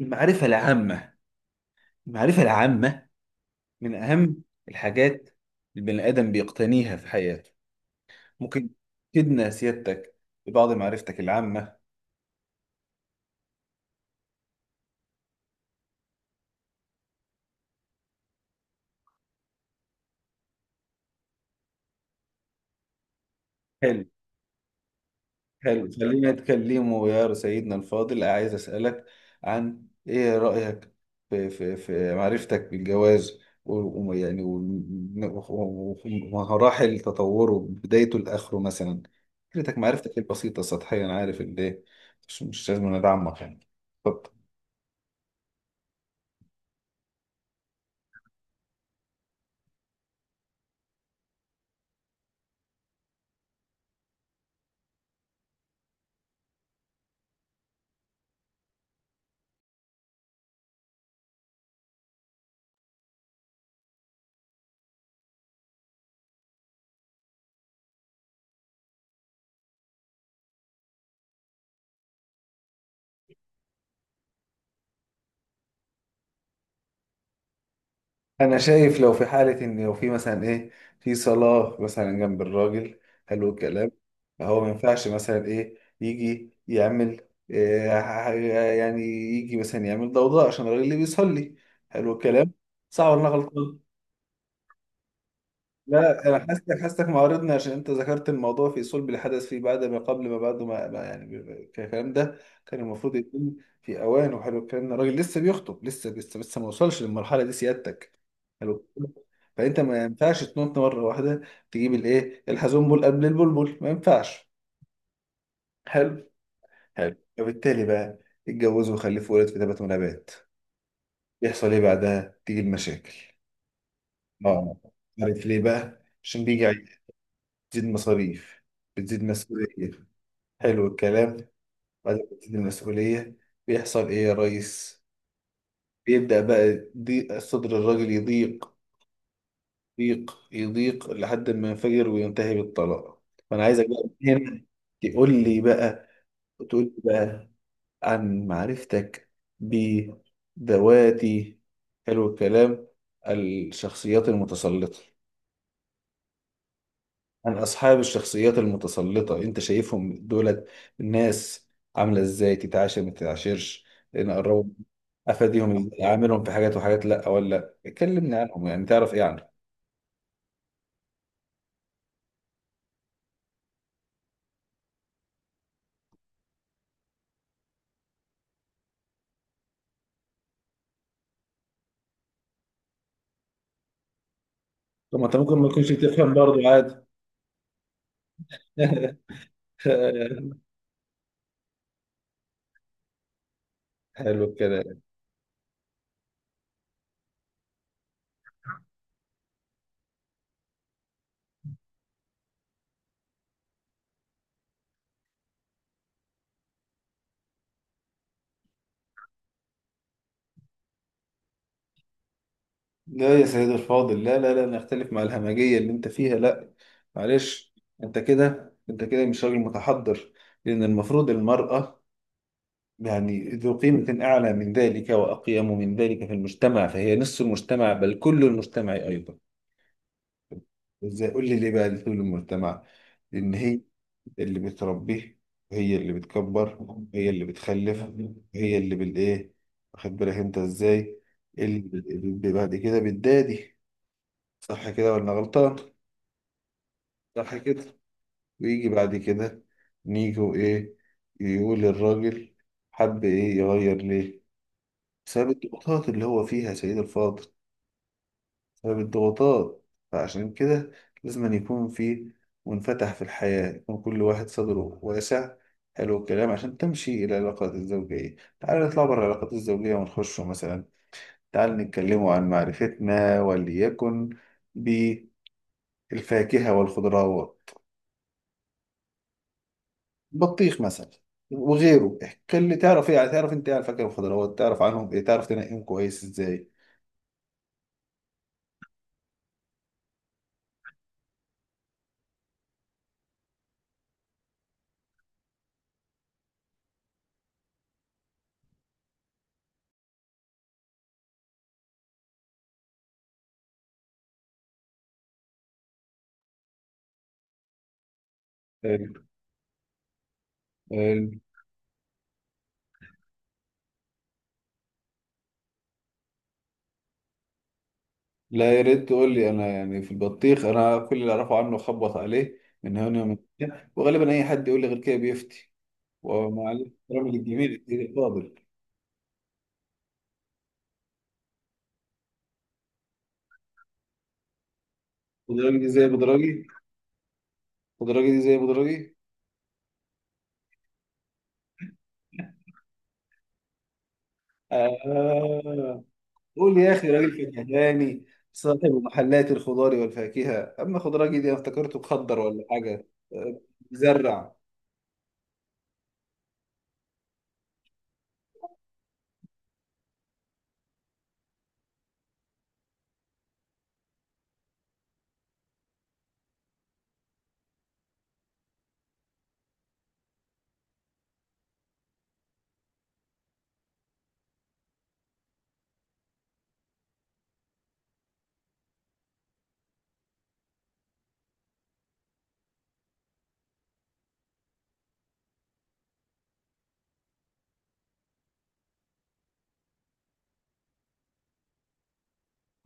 المعرفة العامة، المعرفة العامة من أهم الحاجات البني آدم بيقتنيها في حياته. ممكن تفيدنا سيادتك ببعض معرفتك العامة. حلو. حلو، خلينا نتكلموا يا سيدنا الفاضل. عايز أسألك عن إيه رأيك في معرفتك بالجواز، ومراحل تطوره بدايته لآخره مثلا. فكرتك، معرفتك البسيطة السطحية، أنا عارف إن ده مش لازم ندعمك يعني. اتفضل. انا شايف لو في حاله، ان لو في مثلا ايه، في صلاه مثلا جنب الراجل، حلو الكلام. هو ما ينفعش مثلا ايه يجي يعمل إيه، يعني يجي مثلا يعمل ضوضاء عشان الراجل اللي بيصلي، حلو الكلام. صح ولا أنا غلطان؟ لا، انا حاسسك معارضني، عشان انت ذكرت الموضوع في صلب الحدث في بعد ما قبل ما بعده، الكلام ده كان المفروض يكون في اوان. وحلو الكلام ده، الراجل لسه بيخطب، لسه ما وصلش للمرحله دي سيادتك. حلو. فانت ما ينفعش تنط مره واحده تجيب الايه الحزنبل قبل البلبل، ما ينفعش. حلو. حلو فبالتالي بقى اتجوزوا وخلفوا ولد في تبات ونبات، يحصل ايه بعدها؟ تيجي المشاكل. اه. عارف ليه بقى؟ عشان بيجي بتزيد مصاريف، بتزيد مسؤولية. حلو الكلام. بعد ما بتزيد المسؤولية بيحصل إيه يا ريس؟ بيبدأ بقى ضيق صدر الراجل، يضيق يضيق يضيق لحد ما ينفجر وينتهي بالطلاق. فأنا عايزك بقى من هنا تقول لي بقى، تقول لي بقى عن معرفتك بذواتي، حلو الكلام، الشخصيات المتسلطة. عن أصحاب الشخصيات المتسلطة، أنت شايفهم دولت الناس عاملة إزاي؟ تتعاشر ما تتعاشرش؟ نقربهم؟ أفاديهم إزاي؟ أعاملهم في حاجات وحاجات؟ لأ ولا لأ، كلمني عنهم يعني، تعرف إيه عنهم؟ طب ما أنت ممكن ما تكونش بتفهم برضه، عادي. حلو الكلام. لا يا سيد الفاضل، لا لا لا، نختلف مع الهمجية اللي أنت فيها، لأ. معلش. أنت كده مش راجل متحضر. لأن المفروض المرأة يعني ذو قيمة أعلى من ذلك وأقيم من ذلك في المجتمع، فهي نصف المجتمع بل كل المجتمع أيضا. إزاي؟ قول لي ليه بقى كل المجتمع؟ لأن هي اللي بتربيه، وهي اللي بتكبر وهي اللي بتخلف، وهي اللي بالإيه، واخد بالك أنت إزاي اللي بعد كده بتدادي. صح كده ولا غلطان؟ صح كده. ويجي بعد كده نيجي وإيه؟ يقول الراجل حب إيه، يغير ليه؟ بسبب الضغوطات اللي هو فيها يا سيد الفاضل، بسبب الضغوطات. فعشان كده لازم أن يكون في منفتح في الحياة، يكون كل واحد صدره واسع. حلو الكلام، عشان تمشي العلاقات الزوجية. تعال نطلع بره العلاقات الزوجية ونخش مثلا، تعال نتكلموا عن معرفتنا، وليكن بالفاكهة والخضروات. بطيخ مثلا، وغيره، اللي تعرف. ايه يعني، تعرف انت ايه على الفاكهة والخضروات؟ تعرف عنهم ايه؟ تعرف تنقيهم كويس ازاي؟ حلو. لا يا ريت تقول لي. انا يعني في البطيخ، انا كل اللي اعرفه عنه خبط عليه من هنا ومن هنا، وغالبا اي حد يقول لي غير كده بيفتي. ومع الاحترام الجميل كده، فاضل. بدراجي دي زي بدراجي؟ بدراجي دي زي بدراجي آه. قول يا اخي، راجل فكهاني، صاحب محلات الخضار والفاكهه. اما خضراجي دي انا افتكرته مخضر ولا حاجه. آه، بيزرع.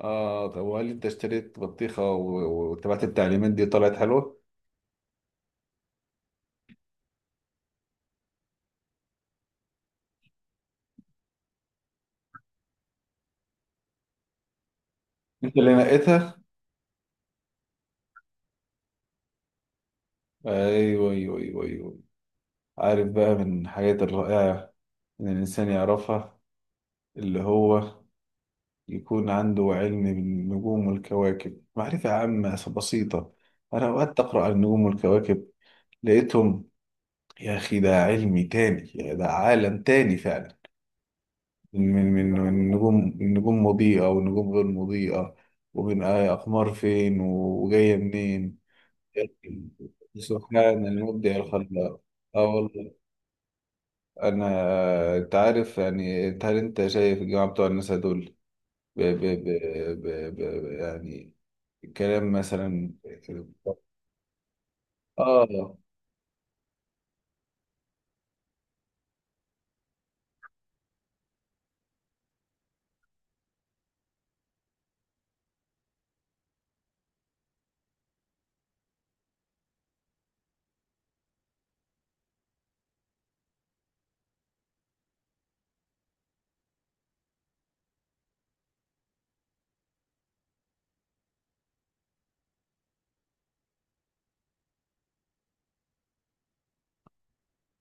اه طب، وهل انت اشتريت بطيخه واتبعت التعليمات دي، طلعت حلوه؟ انت اللي نقيتها؟ ايوه، ايوه، ايوه، ايوه. عارف بقى من الحاجات الرائعة إن الإنسان يعرفها، اللي هو يكون عنده علم بالنجوم والكواكب، معرفة عامة بسيطة. أنا أوقات أقرأ عن النجوم والكواكب، لقيتهم يا أخي ده علمي تاني، يا ده عالم تاني فعلا. من نجوم، النجوم مضيئة ونجوم غير مضيئة، ومن أقمار فين وجاية منين. سبحان المبدع الخلاق. آه والله. انا، انت عارف يعني، هل انت شايف الجماعه بتوع الناس دول ب... ب... ب... ب... ب... يعني كلام مثلا؟ اه.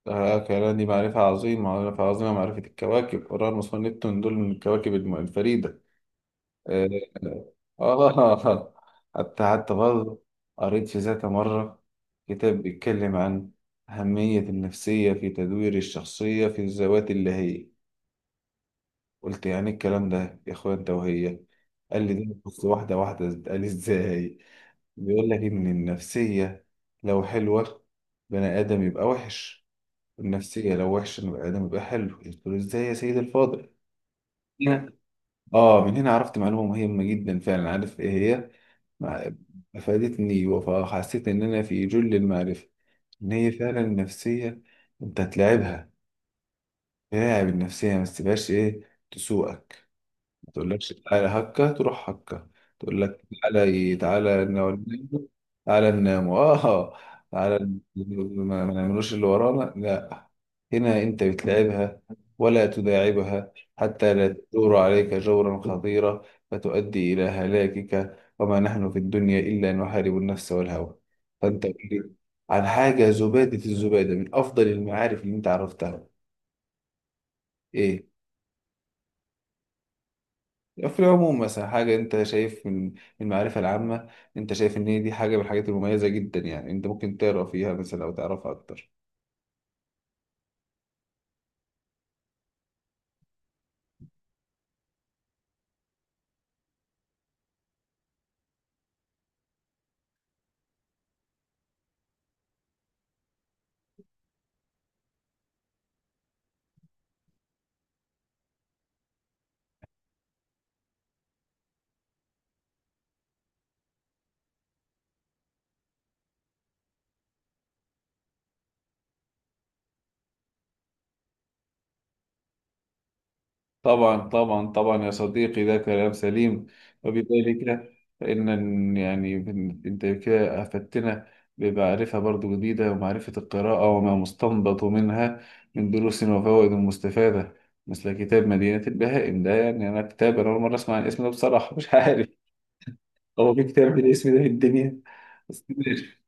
آه، كلام دي معرفة عظيمة، معرفة عظيمة، معرفة الكواكب. أورانوس ونبتون دول من الكواكب الفريدة. آه. آه. حتى برضه قريت في ذات مرة كتاب بيتكلم عن أهمية النفسية في تدوير الشخصية في الذوات اللي هي، قلت يعني الكلام ده يا اخويا، انت وهي؟ قال لي ده بص، واحدة واحدة، قال لي ازاي؟ بيقول لك ان النفسية لو حلوة، بني ادم يبقى وحش، النفسية لو وحشة بني ادم يبقى حلو. قلت له ازاي يا سيد الفاضل؟ هنا، اه من هنا عرفت معلومة مهمة جدا فعلا، عارف ايه هي؟ مع- افادتني، وحسيت ان انا في جل المعرفة. ان هي فعلا النفسية، انت تلعبها، تلعب النفسية ما تسيبهاش ايه تسوقك، تقول لك تعالى هكا تروح هكا، تقول لك تعالى إيه؟ تعالى ننام، تعالى ننام اه، تعالى ما نعملوش اللي ورانا، لا. هنا انت بتلعبها ولا تداعبها، حتى لا تدور عليك جورا خطيرا فتؤدي الى هلاكك، وما نحن في الدنيا الا نحارب النفس والهوى. فانت قل لي عن حاجه، زباده، الزباده من افضل المعارف اللي انت عرفتها، ايه؟ في العموم مثلا، حاجة أنت شايف من المعرفة العامة أنت شايف إن هي دي حاجة من الحاجات المميزة جدا، يعني أنت ممكن تقرأ فيها مثلا أو تعرفها أكتر. طبعا طبعا طبعا يا صديقي، ده كلام سليم. وبذلك فإن يعني أنت كده أفدتنا بمعرفة برضو جديدة، ومعرفة القراءة وما مستنبط منها من دروس وفوائد مستفادة، مثل كتاب مدينة البهائم ده. يعني أنا كتاب أنا أول مرة أسمع عن الاسم ده، بصراحة مش عارف هو في كتاب بالاسم ده في الدنيا؟ بس ماشي.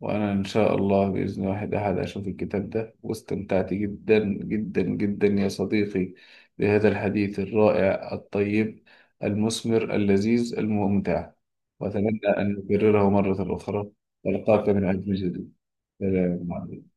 وأنا إن شاء الله بإذن واحد أحد أشوف الكتاب ده. واستمتعت جدا جدا جدا يا صديقي بهذا الحديث الرائع الطيب المثمر اللذيذ الممتع، وأتمنى أن نكرره مرة أخرى وألقاك من أجل جديد. سلام عليكم.